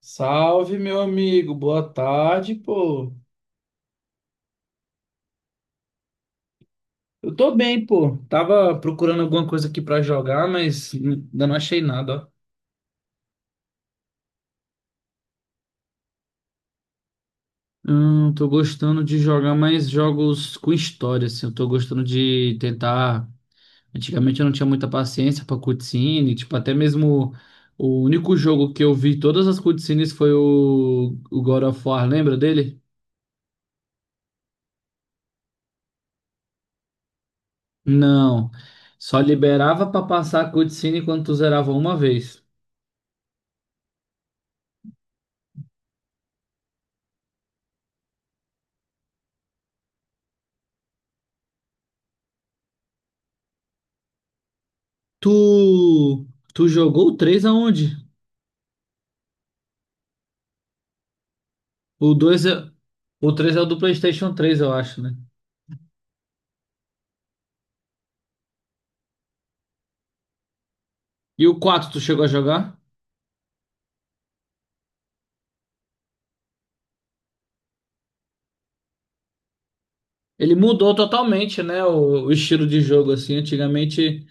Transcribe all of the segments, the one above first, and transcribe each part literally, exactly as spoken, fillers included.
Salve, meu amigo. Boa tarde, pô. Eu tô bem, pô. Tava procurando alguma coisa aqui pra jogar, mas ainda não achei nada, ó. Hum, tô gostando de jogar mais jogos com história, assim. Eu tô gostando de tentar. Antigamente eu não tinha muita paciência pra cutscene, tipo, até mesmo o único jogo que eu vi todas as cutscenes foi o, o God of War, lembra dele? Não. Só liberava pra passar a cutscene quando tu zerava uma vez. Tu, tu jogou o três aonde? O dois é, o três é o do PlayStation três eu acho, né? E o quatro tu chegou a jogar? Ele mudou totalmente, né, o, o estilo de jogo assim. Antigamente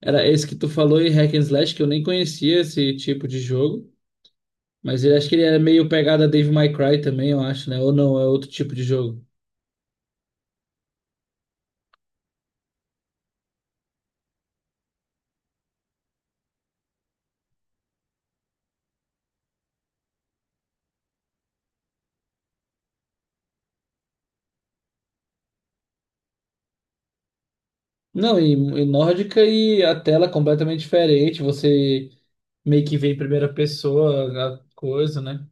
era esse que tu falou e hack and slash, que eu nem conhecia esse tipo de jogo, mas ele acho que ele era meio pegada Devil May Cry também, eu acho, né? Ou não, é outro tipo de jogo. Não, e, e nórdica, e a tela completamente diferente, você meio que vê em primeira pessoa a coisa, né?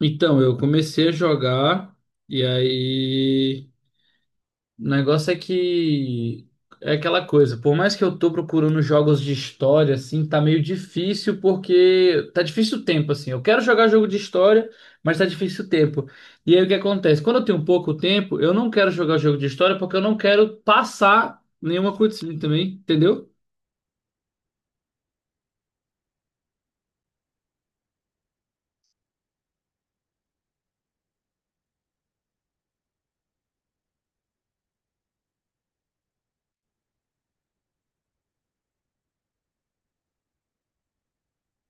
Então, eu comecei a jogar e aí o negócio é que é aquela coisa, por mais que eu tô procurando jogos de história assim, tá meio difícil porque tá difícil o tempo assim. Eu quero jogar jogo de história, mas tá difícil o tempo. E aí o que acontece? Quando eu tenho pouco tempo, eu não quero jogar jogo de história porque eu não quero passar nenhuma cutscene também, entendeu?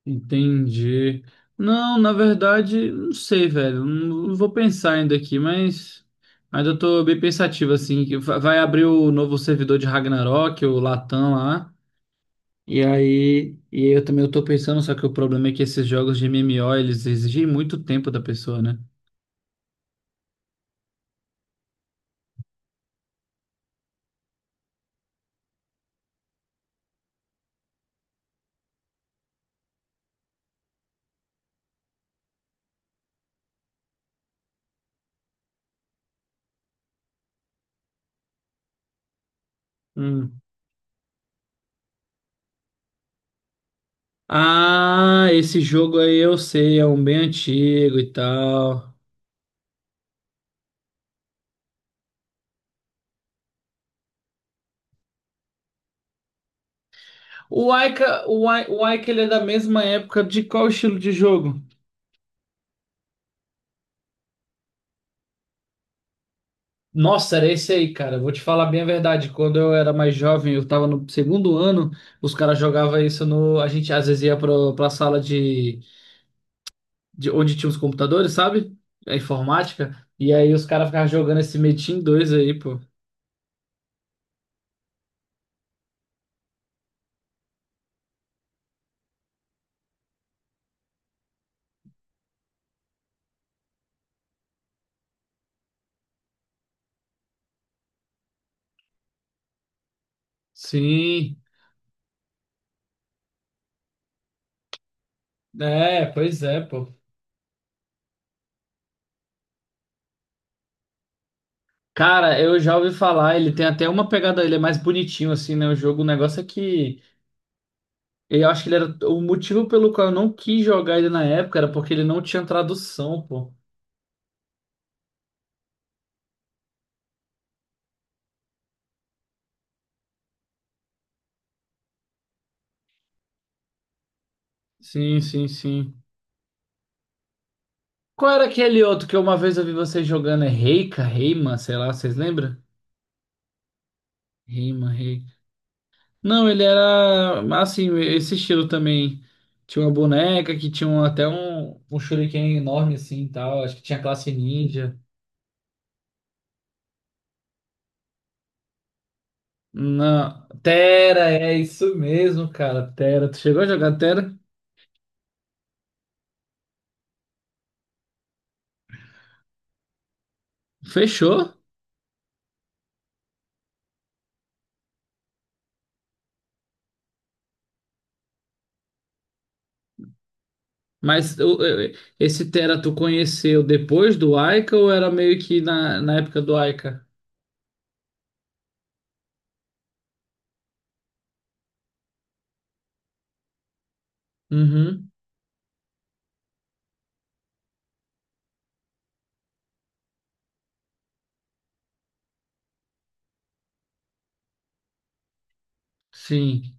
Entendi. Não, na verdade, não sei, velho. Não não vou pensar ainda aqui, mas ainda tô bem pensativo, assim, que va- vai abrir o novo servidor de Ragnarok, o Latam lá. E aí, e eu também eu tô pensando, só que o problema é que esses jogos de M M O, eles exigem muito tempo da pessoa, né? Hum. Ah, esse jogo aí eu sei, é um bem antigo e tal. O Aika, o Ai- o Aika, ele é da mesma época de qual estilo de jogo? Nossa, era esse aí, cara. Vou te falar bem a verdade. Quando eu era mais jovem, eu tava no segundo ano, os caras jogavam isso no. A gente às vezes ia pro, pra sala de, de onde tinha os computadores, sabe? A informática. E aí os caras ficavam jogando esse Metin dois aí, pô. Sim. É, pois é, pô. Cara, eu já ouvi falar, ele tem até uma pegada, ele é mais bonitinho, assim, né? O jogo, o negócio é que. Eu acho que ele era. O motivo pelo qual eu não quis jogar ele na época era porque ele não tinha tradução, pô. Sim, sim, sim. Qual era aquele outro que uma vez eu vi vocês jogando? É Reika, Reima, sei lá, vocês lembram? Reima, Reika. Não, ele era assim, esse estilo também. Tinha uma boneca que tinha um- até um, um shuriken enorme assim e tal. Acho que tinha classe ninja. Não, Tera, é isso mesmo, cara. Tera, tu chegou a jogar Tera? Fechou? Mas o- eu- esse Tera tu conheceu depois do Aika ou era meio que na, na época do Aika? Uhum, sim.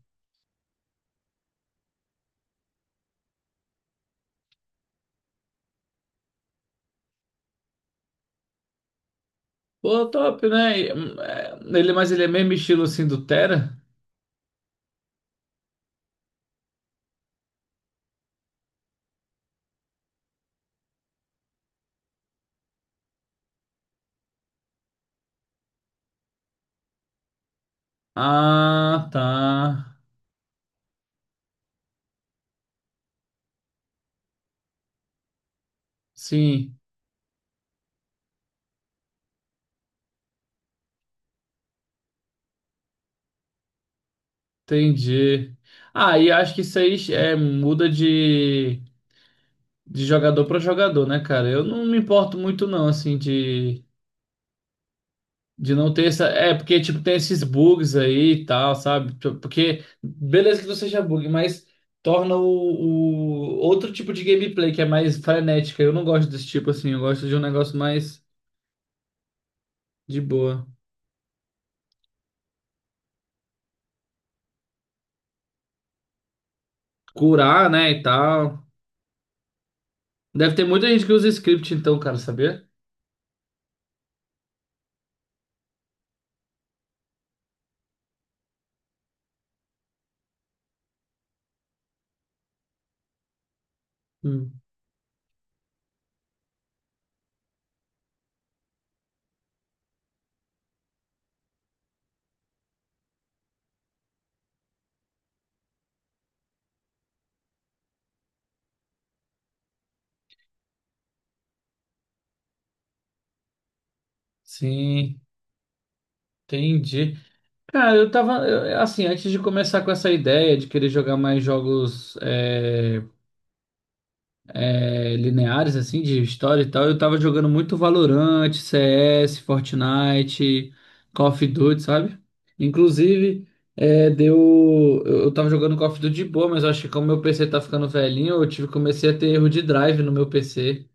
Pô, top, né? E, hum, é, Ele, mas ele é mesmo estilo assim do Terra? Ah, tá. Sim, entendi. Ah, e acho que isso aí é, muda de, de jogador pra jogador, né, cara? Eu não me importo muito, não, assim, de, de não ter essa. É, porque, tipo, tem esses bugs aí e tal, sabe? Tipo, porque, beleza que não seja bug, mas torna o, o outro tipo de gameplay que é mais frenética. Eu não gosto desse tipo, assim. Eu gosto de um negócio mais de boa. Curar, né, e tal. Deve ter muita gente que usa script, então, cara, sabia? Hum. Sim, entendi. Cara, eu tava, eu- assim, antes de começar com essa ideia de querer jogar mais jogos é, é, lineares, assim, de história e tal, eu tava jogando muito Valorant, C S, Fortnite, Call of Duty, sabe? Inclusive, é, deu, eu eu tava jogando Call of Duty de boa, mas eu acho que como meu P C tá ficando velhinho, eu tive, comecei a ter erro de drive no meu P C.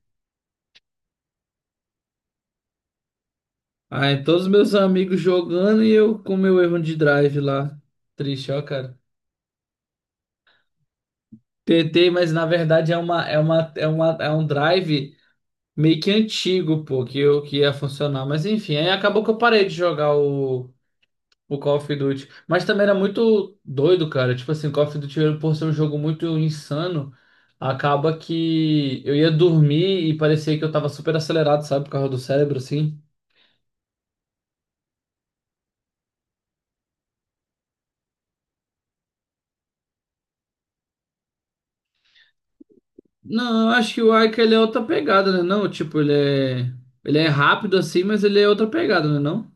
Aí todos os meus amigos jogando e eu com meu erro de drive lá. Triste, ó, cara. Tentei, mas na verdade é uma é uma é uma é um drive meio que antigo, pô, que eu que ia funcionar, mas enfim, aí acabou que eu parei de jogar o o Call of Duty, mas também era muito doido, cara. Tipo assim, Call of Duty por ser um jogo muito insano, acaba que eu ia dormir e parecia que eu tava super acelerado, sabe, por causa do cérebro assim. Não, eu acho que o Aika ele é outra pegada, né? Não, tipo, ele é. Ele é rápido assim, mas ele é outra pegada, né? Não?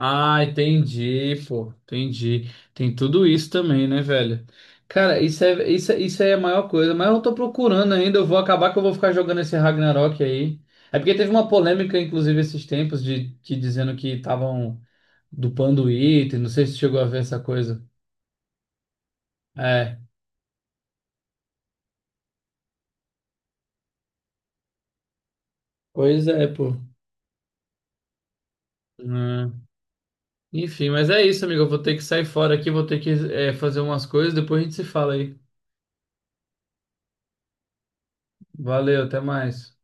Ah, entendi, pô, entendi. Tem tudo isso também, né, velho? Cara, isso é, isso, é- isso aí é a maior coisa, mas eu tô procurando ainda, eu vou acabar que eu vou ficar jogando esse Ragnarok aí. É porque teve uma polêmica, inclusive, esses tempos, de que dizendo que estavam dupando item, não sei se chegou a ver essa coisa. É, pois é, pô. Enfim, mas é isso, amigo. Eu vou ter que sair fora aqui, vou ter que, eh, fazer umas coisas, depois a gente se fala aí. Valeu, até mais.